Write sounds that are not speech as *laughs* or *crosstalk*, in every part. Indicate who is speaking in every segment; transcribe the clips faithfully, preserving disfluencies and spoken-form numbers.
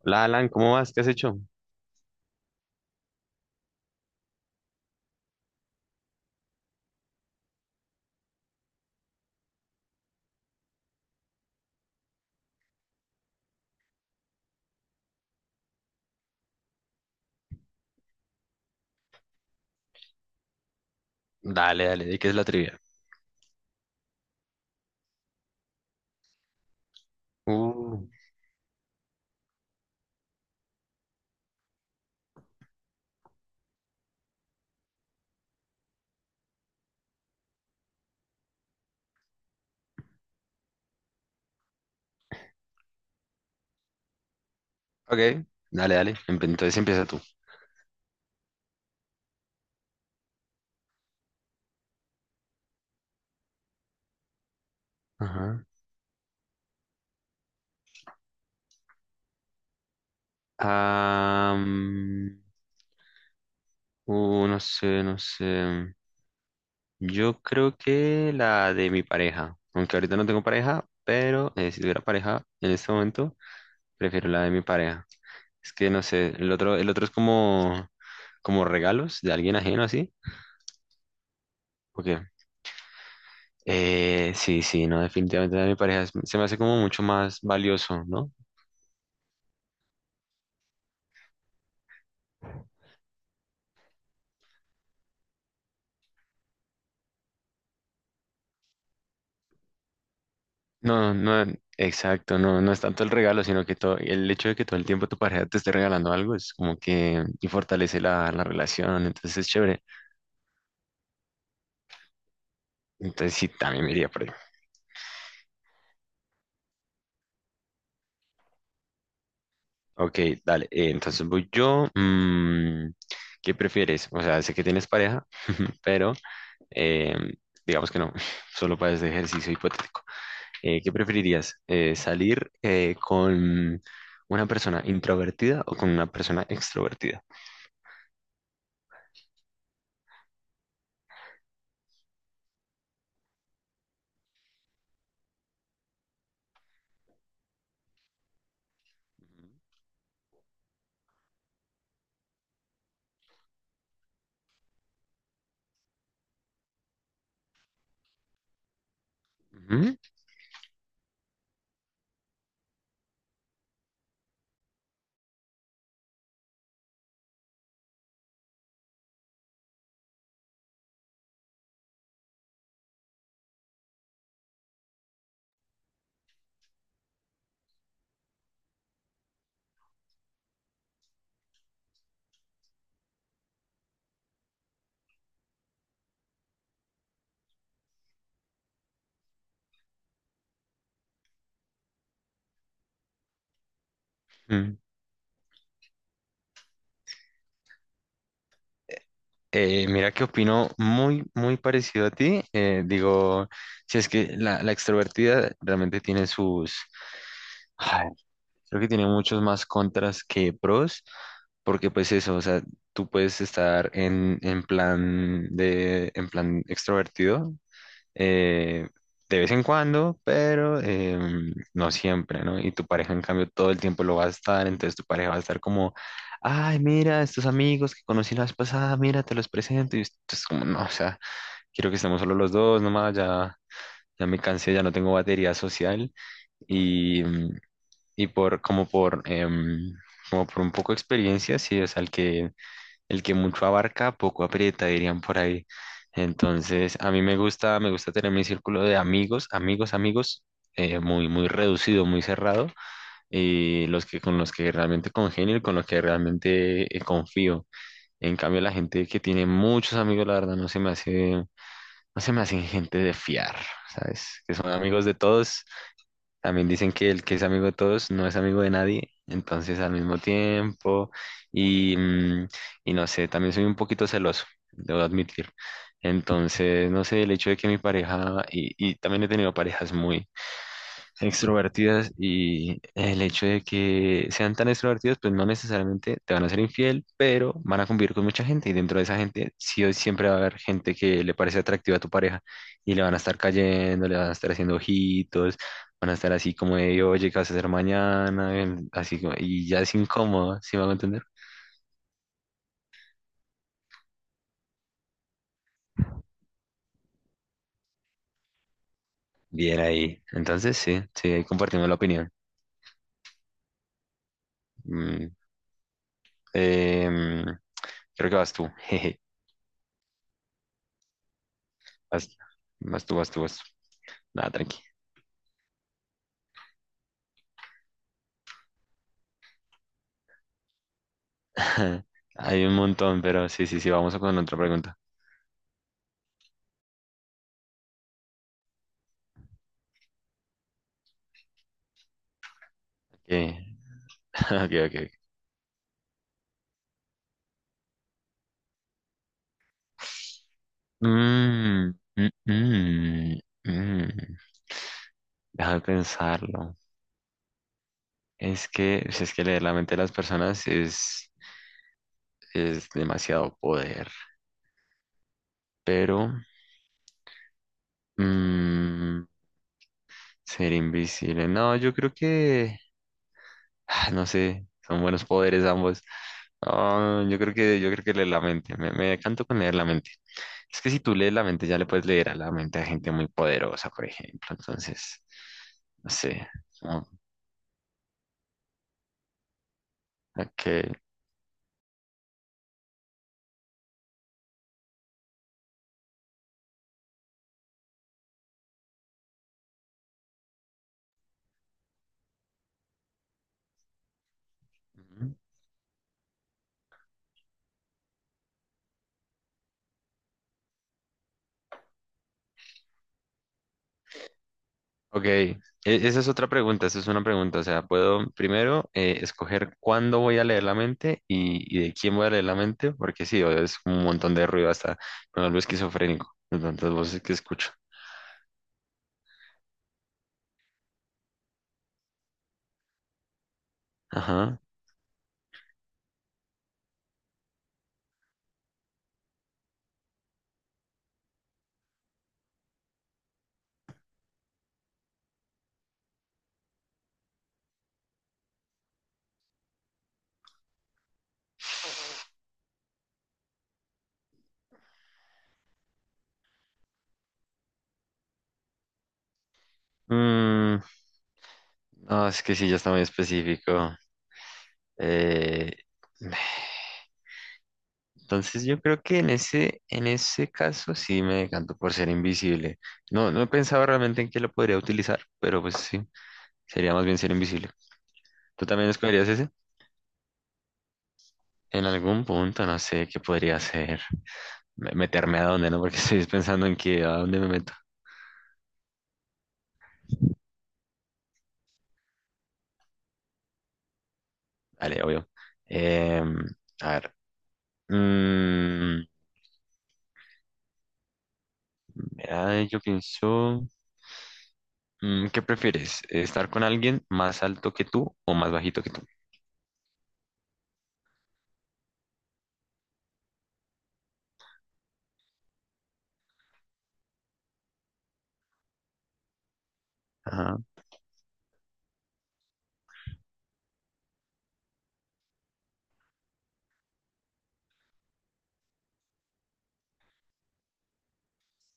Speaker 1: Hola Alan, ¿cómo vas? ¿Qué has hecho? Dale, dale, ¿de qué es la trivia? Uh, ok, dale, dale. empe- Entonces empieza tú. Ajá. Am, uh, no sé, no sé. Yo creo que la de mi pareja. Aunque ahorita no tengo pareja, pero eh, si tuviera pareja en este momento, prefiero la de mi pareja. Es que no sé, el otro, el otro es como, como regalos de alguien ajeno así. Ok. Eh, sí, sí, no, definitivamente la de mi pareja es- se me hace como mucho más valioso, ¿no? No, no, exacto, no, no es tanto el regalo, sino que todo, el hecho de que todo el tiempo tu pareja te esté regalando algo es como que y fortalece la, la relación, entonces es chévere. Entonces sí, también me iría por ahí. Ok, dale, eh, entonces voy yo. mm, ¿qué prefieres? O sea, sé que tienes pareja, pero eh, digamos que no, *laughs* solo para este ejercicio hipotético. Eh, ¿qué preferirías? Eh, ¿salir eh, con una persona introvertida o con una persona extrovertida? Ujú. Ujú. Eh, mira que opino muy, muy parecido a ti. Eh, digo, si es que la, la extrovertida realmente tiene sus, ay, creo que tiene muchos más contras que pros, porque pues eso, o sea, tú puedes estar en, en plan de, en plan extrovertido, eh, de vez en cuando, pero em, no siempre, ¿no? Y tu pareja, en cambio, todo el tiempo lo va a estar, entonces tu pareja va a estar como, ay, mira, estos amigos que conocí la vez pasada, mira, te los presento, y es como, no, o sea, quiero que estemos solo los dos, nomás, ya, ya me cansé, ya no tengo batería social, y, mm, y por, como por, em, como por un poco de experiencia, sí, o sea, el que el que mucho abarca, poco aprieta, dirían por ahí. Entonces, a mí me gusta, me gusta tener mi círculo de amigos, amigos, amigos, eh, muy, muy reducido, muy cerrado, y los que con los que realmente congenio y con los que realmente eh, confío. En cambio, la gente que tiene muchos amigos, la verdad, no se me hace, no se me hacen gente de fiar, ¿sabes? Que son amigos de todos también dicen que el que es amigo de todos no es amigo de nadie, entonces al mismo tiempo, y, mm, y no sé, también soy un poquito celoso, debo admitir. Entonces, no sé, el hecho de que mi pareja, y, y también he tenido parejas muy, extrovertidas y el hecho de que sean tan extrovertidas, pues no necesariamente te van a ser infiel, pero van a convivir con mucha gente y dentro de esa gente sí o siempre va a haber gente que le parece atractiva a tu pareja y le van a estar cayendo, le van a estar haciendo ojitos, van a estar así como de, oye, ¿qué vas a hacer mañana? em, Así como, y ya es incómodo, ¿sí me hago entender? Bien ahí. Entonces sí, sí, ahí compartimos la opinión. Mm, em, creo que vas tú, *laughs* jeje, vas, vas tú, vas tú, vas tú. Nada, tranqui. *laughs* Hay un montón, pero sí, sí, sí, vamos a con otra pregunta. Okay. *laughs* Ok, ok, ok. Mm, mm, mm, mm. Deja de pensarlo. Es que, si es que leer la mente de las personas es, es demasiado poder, pero mm, ser invisible. No, yo creo que, *sighs* no sé, son buenos poderes ambos. Ah, yo creo que, yo creo que leer la mente. Me, me canto con leer la mente. Es que si tú lees la mente, ya le puedes leer a la mente a gente muy poderosa, por ejemplo. Entonces, no sé. como- Ok. Ujú. Ok. E- esa es otra pregunta. Esa es una pregunta. O sea, puedo primero eh, escoger cuándo voy a leer la mente y, y de quién voy a leer la mente, porque sí, o- es un montón de ruido hasta con algo esquizofrénico. De Tantas voces que escucho. Ajá. Mm, no, es que sí, ya está muy específico. Eh, entonces yo creo que en ese, en ese caso sí me decanto por ser invisible. No, no he pensado realmente en qué lo podría utilizar, pero pues sí, sería más bien ser invisible. ¿Tú también escogerías ese? En algún punto, no sé qué podría hacer. Me- Meterme a dónde, ¿no? *laughs* Porque estoy pensando en que a dónde me meto. Vale, obvio. Em, a ver. mm, mira, yo pienso, mm, ¿qué prefieres? ¿Estar con alguien más alto que tú o más bajito que tú? Ajá.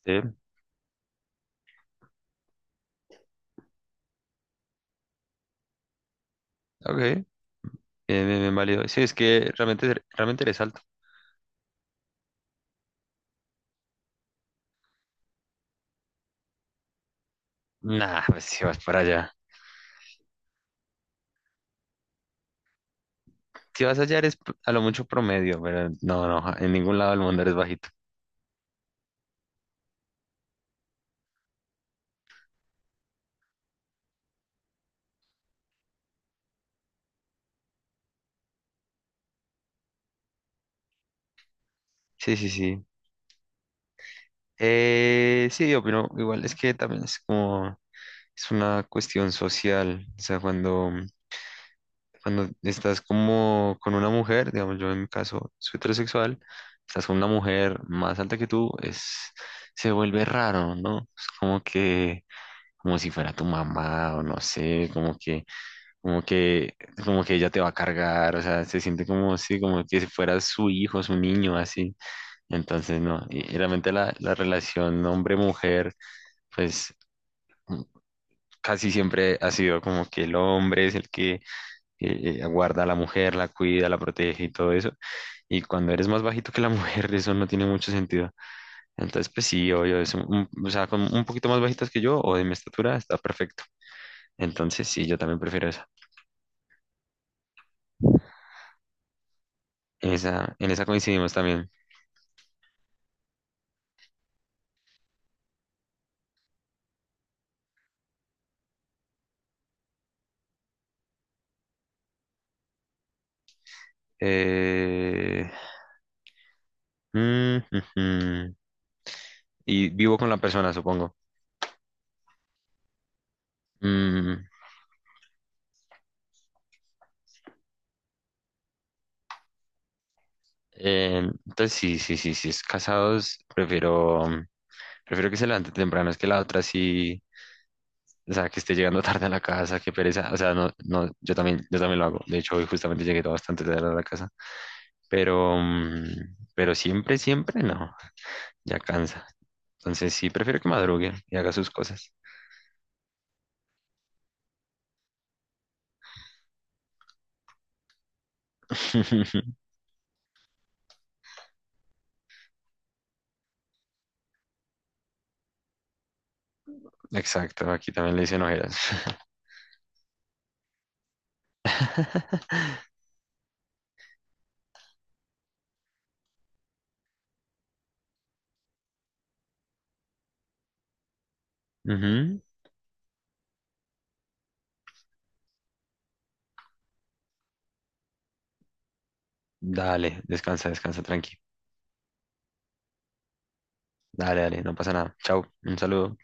Speaker 1: Sí. Ok. Bien, bien, bien válido. Sí, es que realmente, realmente eres alto. Nah, *laughs* pues si vas para allá. Si vas allá eres p- a lo mucho promedio, pero no, no, ja, en ningún lado del mundo eres bajito. Sí, sí, sí. Eh, sí, yo opino igual, es que también es como, es una cuestión social. O sea, cuando, cuando estás como con una mujer, digamos, yo en mi caso soy heterosexual, estás con una mujer más alta que tú, es, se vuelve raro, ¿no? Es como que, como si fuera tu mamá o no sé, como que como que, como que ella te va a cargar, o sea, se siente como si, como que si fuera su hijo, su niño, así. Entonces, no, y, y realmente la, la relación hombre-mujer, pues mm, casi siempre ha sido como que el hombre es el que eh, eh, guarda a la mujer, la cuida, la protege y todo eso. Y cuando eres más bajito que la mujer, *laughs* eso no tiene mucho sentido. Entonces, pues sí, obvio, es un- un- o sea, con un poquito más bajitas que yo o de mi estatura, está perfecto. Entonces, sí, yo también prefiero esa. Esa, en esa coincidimos también. Eh, mm, ujú. Y vivo con la persona, supongo. Mm, eh, entonces, sí, sí, sí, sí, es casados, prefiero, mm, prefiero que se levante temprano, es que la otra sí, o sea, que esté llegando *laughs* tarde a la casa, que pereza, o sea, no, no, yo también, yo también lo hago, de hecho, hoy justamente llegué bastante tarde a la casa, pero, mm, pero siempre, siempre no, ya cansa. Entonces sí, prefiero que madrugue y haga sus cosas. *laughs* Exacto, aquí también le dicen ojeras. *laughs* Ujú. Dale, descansa, descansa, tranqui. Dale, dale, no pasa nada. Chao, un saludo.